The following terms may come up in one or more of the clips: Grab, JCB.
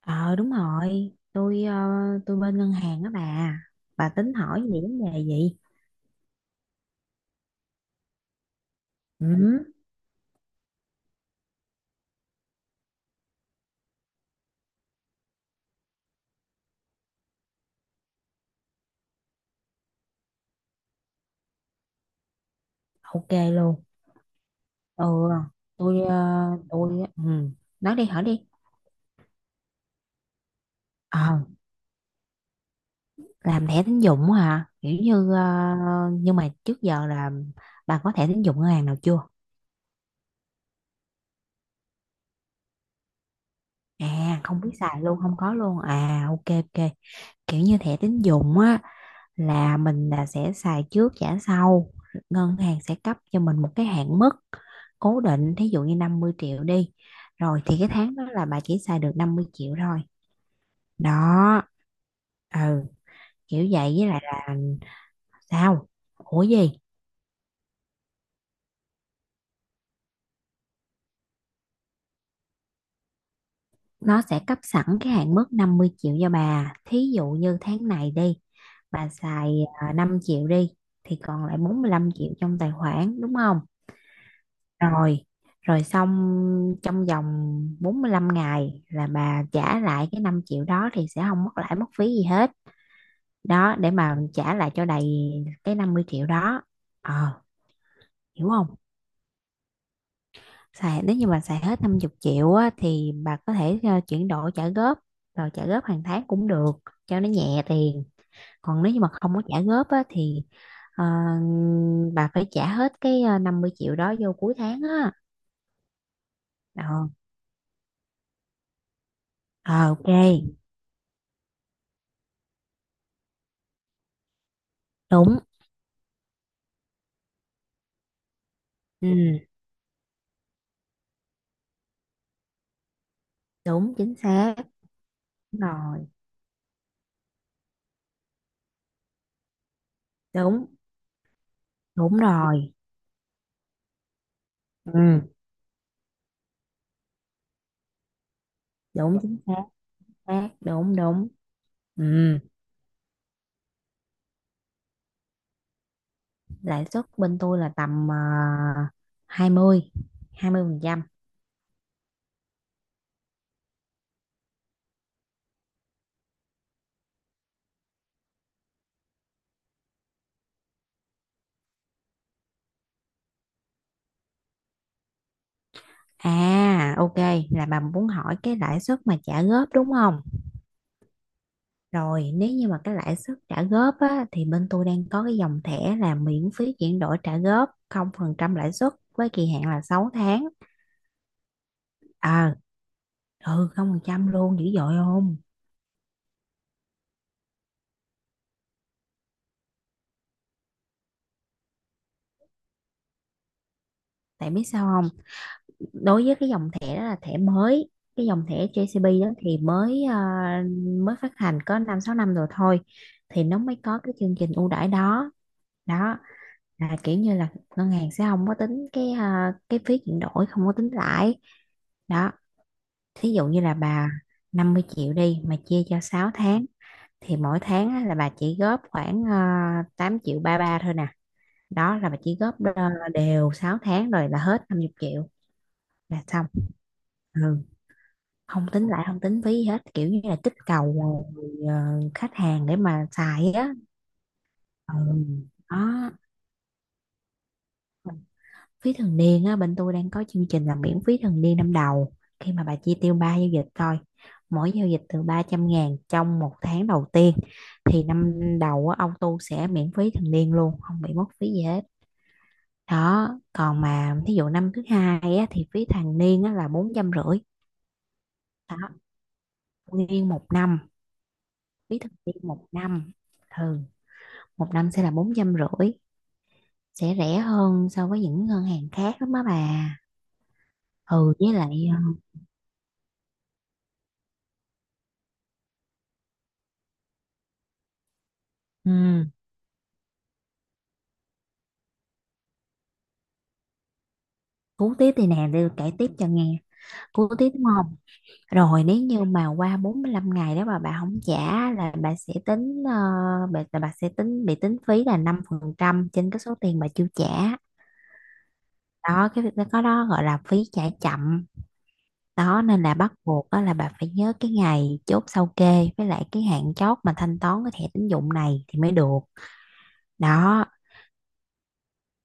Ờ, đúng rồi, tôi bên ngân hàng á bà. Bà tính hỏi gì vấn đề gì? Ừ, ok luôn. Ừ, tôi ờ, tôi ừ, Nói đi, hỏi đi. Ờ, làm thẻ tín dụng hả? Nhưng mà trước giờ là bà có thẻ tín dụng ngân hàng nào chưa? À, không biết xài luôn, không có luôn. À, ok ok. Kiểu như thẻ tín dụng á, là mình sẽ xài trước trả sau, ngân hàng sẽ cấp cho mình một cái hạn mức cố định, thí dụ như 50 triệu đi, rồi thì cái tháng đó là bà chỉ xài được 50 triệu thôi. Đó, ừ, kiểu vậy. Với lại là, sao, ủa gì? Nó sẽ cấp sẵn cái hạn mức 50 triệu cho bà, thí dụ như tháng này đi, bà xài 5 triệu đi, thì còn lại 45 triệu trong tài khoản đúng không? Rồi, rồi xong, trong vòng 45 ngày là bà trả lại cái 5 triệu đó thì sẽ không mất lãi mất phí gì hết. Đó, để mà trả lại cho đầy cái 50 triệu đó. Ờ, hiểu không? Nếu như mà xài hết 50 triệu á, thì bà có thể chuyển đổi trả góp, rồi trả góp hàng tháng cũng được, cho nó nhẹ tiền. Còn nếu như mà không có trả góp á, thì ờ, bà phải trả hết cái 50 triệu đó vô cuối tháng á. Ờ Ờ, ok. Đúng. Ừ, đúng, chính xác. Đúng rồi. Đúng. Đúng rồi ừ đúng chính xác xác đúng đúng Ừ, lãi suất bên tôi là tầm 20, 20%. À, ok, là bà muốn hỏi cái lãi suất mà trả góp đúng không? Rồi, nếu như mà cái lãi suất trả góp á, thì bên tôi đang có cái dòng thẻ là miễn phí chuyển đổi trả góp không phần trăm lãi suất với kỳ hạn là 6 tháng. Ờ, ừ, không phần trăm luôn, dữ dội không? Tại biết sao, đối với cái dòng thẻ đó là thẻ mới, cái dòng thẻ JCB đó thì mới phát hành có 5 6 năm rồi thôi, thì nó mới có cái chương trình ưu đãi đó. Đó, là kiểu như là ngân hàng sẽ không có tính cái phí chuyển đổi, không có tính lãi. Đó, thí dụ như là bà 50 triệu đi mà chia cho 6 tháng, thì mỗi tháng á, là bà chỉ góp khoảng 8 triệu ba ba thôi nè. Đó là bà chỉ góp đều 6 tháng rồi là hết 50 triệu, là xong. Ừ, không tính lại, không tính phí gì hết, kiểu như là kích cầu ờ, khách hàng để mà xài á. Ừ. Đó, phí thường niên á, bên tôi đang có chương trình là miễn phí thường niên năm đầu khi mà bà chi tiêu 3 giao dịch thôi, mỗi giao dịch từ 300 ngàn trong 1 tháng đầu tiên, thì năm đầu á, ông tu sẽ miễn phí thường niên luôn, không bị mất phí gì hết. Đó, còn mà thí dụ năm thứ hai á, thì phí thường niên á, là 450 ngàn. Đó, nguyên 1 năm. Phí thường niên 1 năm. Ừ, 1 năm sẽ là 450 ngàn, sẽ rẻ hơn so với những ngân hàng khác lắm á bà. Ừ, với lại, ừ, cú tiếp thì nè, để kể tiếp cho nghe. Cú tiếp, đúng không? Rồi, nếu như mà qua 45 ngày đó mà bà không trả, là bà sẽ tính bị tính phí là 5% trên cái số tiền bà chưa trả. Đó, cái việc đó có, đó gọi là phí trả chậm. Đó nên là bắt buộc đó là bà phải nhớ cái ngày chốt sao kê với lại cái hạn chót mà thanh toán cái thẻ tín dụng này thì mới được. Đó.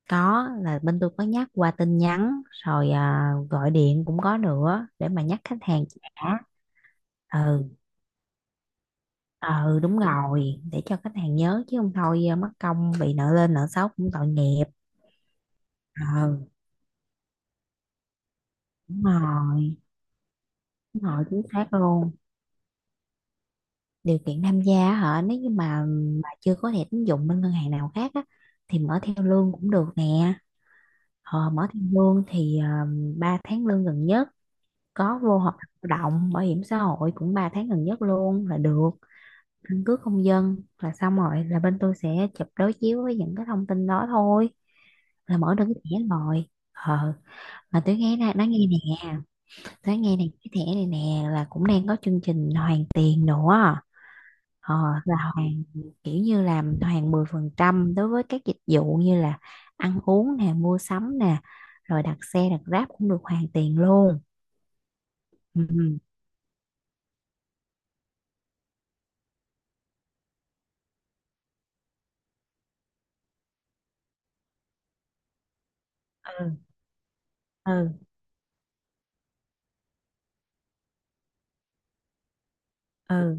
Có, là bên tôi có nhắc qua tin nhắn rồi gọi điện cũng có nữa để mà nhắc khách hàng trả đã. Ừ, ừ, đúng rồi, để cho khách hàng nhớ, chứ không thôi mất công bị nợ, lên nợ xấu cũng tội nghiệp. Ừ, đúng rồi, đúng rồi, chính xác luôn. Điều kiện tham gia hả? Nếu như mà chưa có thẻ tín dụng bên ngân hàng nào khác á, thì mở theo lương cũng được nè. Ờ, mở theo lương thì 3 tháng lương gần nhất, có vô hợp đồng lao động, bảo hiểm xã hội cũng 3 tháng gần nhất luôn là được, căn cước công dân là xong, rồi là bên tôi sẽ chụp đối chiếu với những cái thông tin đó thôi, là mở được cái thẻ rồi. Ờ, mà tôi nghe nè nói nghe nè tôi nghe nè cái thẻ này nè là cũng đang có chương trình hoàn tiền nữa. Ờ, là hoàn, kiểu như làm hoàn 10% đối với các dịch vụ như là ăn uống nè, mua sắm nè, rồi đặt xe, đặt Grab cũng được hoàn tiền luôn. Ừ ừ ừ ừ. ừ.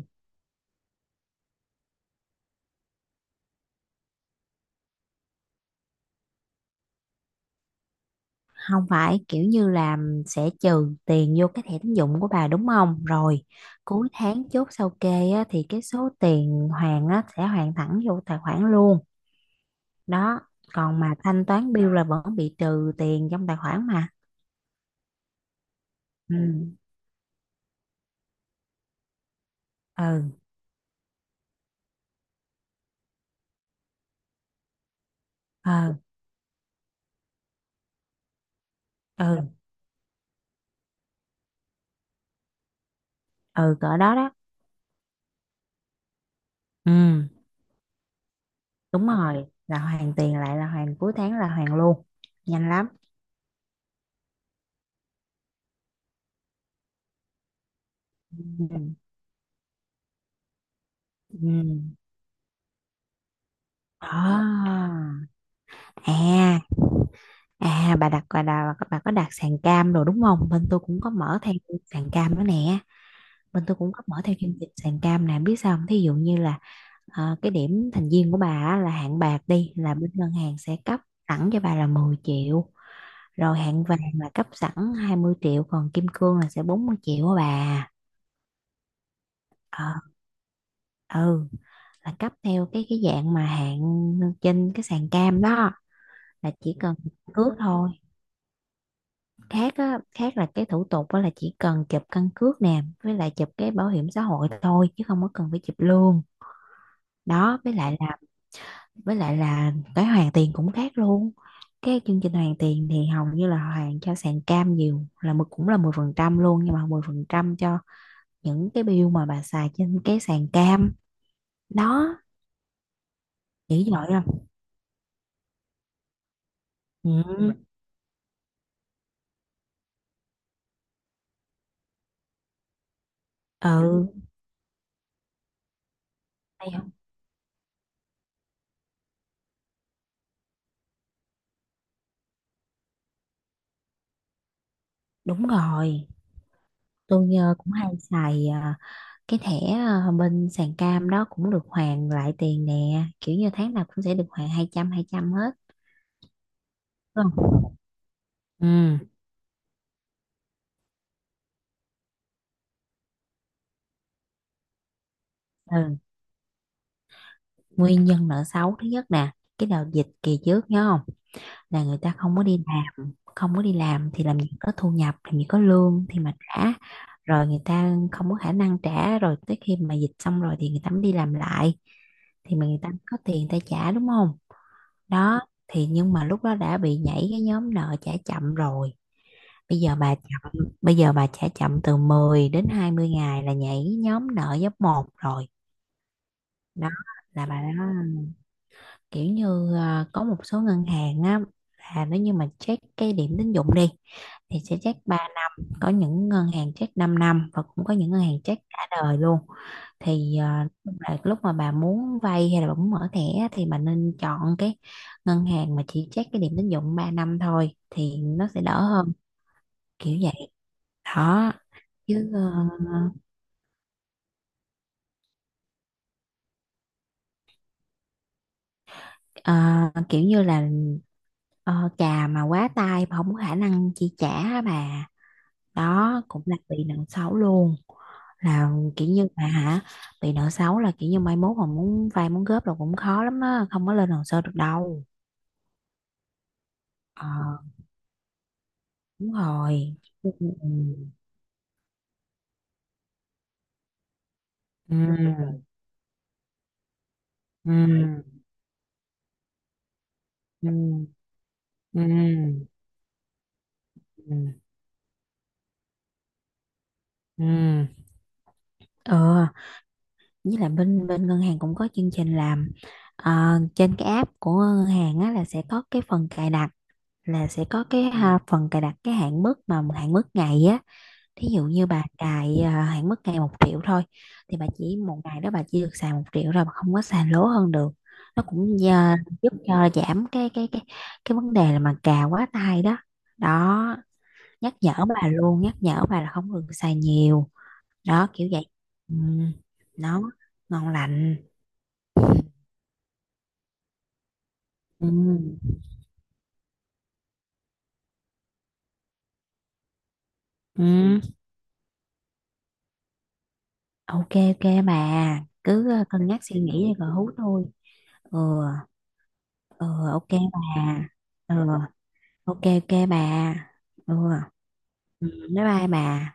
Không, phải kiểu như là sẽ trừ tiền vô cái thẻ tín dụng của bà đúng không? Rồi cuối tháng chốt sao kê á, thì cái số tiền hoàn á, sẽ hoàn thẳng vô tài khoản luôn. Đó, còn mà thanh toán bill là vẫn bị trừ tiền trong tài khoản mà. Ừ ừ ừ ừ ừ cỡ đó đó. Ừ, đúng rồi, là hoàn tiền lại là hoàn cuối tháng, là hoàn luôn, nhanh lắm. ừ ừ à à À, bà bà có đặt sàn cam rồi đúng không? Bên tôi cũng có mở theo sàn cam nữa nè. Bên tôi cũng có mở theo chương trình sàn cam nè. Biết sao không? Thí dụ như là cái điểm thành viên của bà á, là hạng bạc đi, là bên ngân hàng sẽ cấp sẵn cho bà là 10 triệu. Rồi hạng vàng là cấp sẵn 20 triệu. Còn kim cương là sẽ 40 triệu á bà. Ờ, ừ, là cấp theo cái dạng mà hạng trên cái sàn cam đó, là chỉ cần cước thôi. Khác á, khác là cái thủ tục đó là chỉ cần chụp căn cước nè, với lại chụp cái bảo hiểm xã hội thôi, chứ không có cần phải chụp lương. Đó, với lại là cái hoàn tiền cũng khác luôn. Cái chương trình hoàn tiền thì hầu như là hoàn cho sàn cam nhiều, là mười, cũng là 10% luôn, nhưng mà 10% cho những cái bill mà bà xài trên cái sàn cam đó. Dữ dội không? Ừ, ừ, hay không? Đúng rồi, tôi cũng hay xài cái thẻ bên sàn cam đó cũng được hoàn lại tiền nè, kiểu như tháng nào cũng sẽ được hoàn 200 ngàn, 200 ngàn hết. Đúng không? Ừ. Ừ. Nguyên nhân nợ xấu thứ nhất nè, cái đợt dịch kỳ trước nhớ không? Là người ta không có đi làm, không có đi làm thì làm gì có thu nhập, làm gì có lương thì mà trả. Rồi người ta không có khả năng trả, rồi tới khi mà dịch xong rồi thì người ta mới đi làm lại, thì mà người ta có tiền, người ta trả đúng không? Đó, thì nhưng mà lúc đó đã bị nhảy cái nhóm nợ trả chậm rồi. Bây giờ bà chậm bây giờ bà trả chậm từ 10 đến 20 ngày là nhảy nhóm nợ giáp một rồi. Đó là bà đó, kiểu như có một số ngân hàng á, là nếu như mà check cái điểm tín dụng đi, thì sẽ check ba, có những ngân hàng check 5 năm, và cũng có những ngân hàng check cả đời luôn. Thì lúc mà bà muốn vay hay là bà muốn mở thẻ á, thì bà nên chọn cái ngân hàng mà chỉ check cái điểm tín dụng 3 năm thôi, thì nó sẽ đỡ hơn. Kiểu vậy. Đó chứ ờ, ờ, Kiểu như là trà mà quá tay mà không có khả năng chi trả á bà. Đó cũng là bị nợ xấu luôn. Là kiểu như bà hả, bị nợ xấu là kiểu như mai mốt mà muốn vay, muốn góp là cũng khó lắm á, không có lên hồ sơ được đâu. Ờ, đúng rồi. ừ ừ ừ ừ ừ ừ ờ, với lại bên bên ngân hàng cũng có chương trình làm ờ, trên cái app của ngân hàng á, là sẽ có cái phần cài đặt, là sẽ có cái phần cài đặt cái hạn mức, mà hạn mức ngày á, thí dụ như bà cài hạn mức ngày 1 triệu thôi, thì bà chỉ một ngày đó bà chỉ được xài 1 triệu, rồi bà không có xài lố hơn được. Nó cũng giúp cho giảm cái vấn đề là mà cà quá tay đó. Đó, nhắc nhở bà luôn, nhắc nhở bà là không được xài nhiều. Đó kiểu vậy. Ừ, nó ngon lành. Ừ, ừ, ok ok bà, cứ cân nhắc suy nghĩ rồi hú tôi. Ừ. Ừ. Ok bà. Ừ. Ok ok bà. Ừ. Ừ, bye bye bà.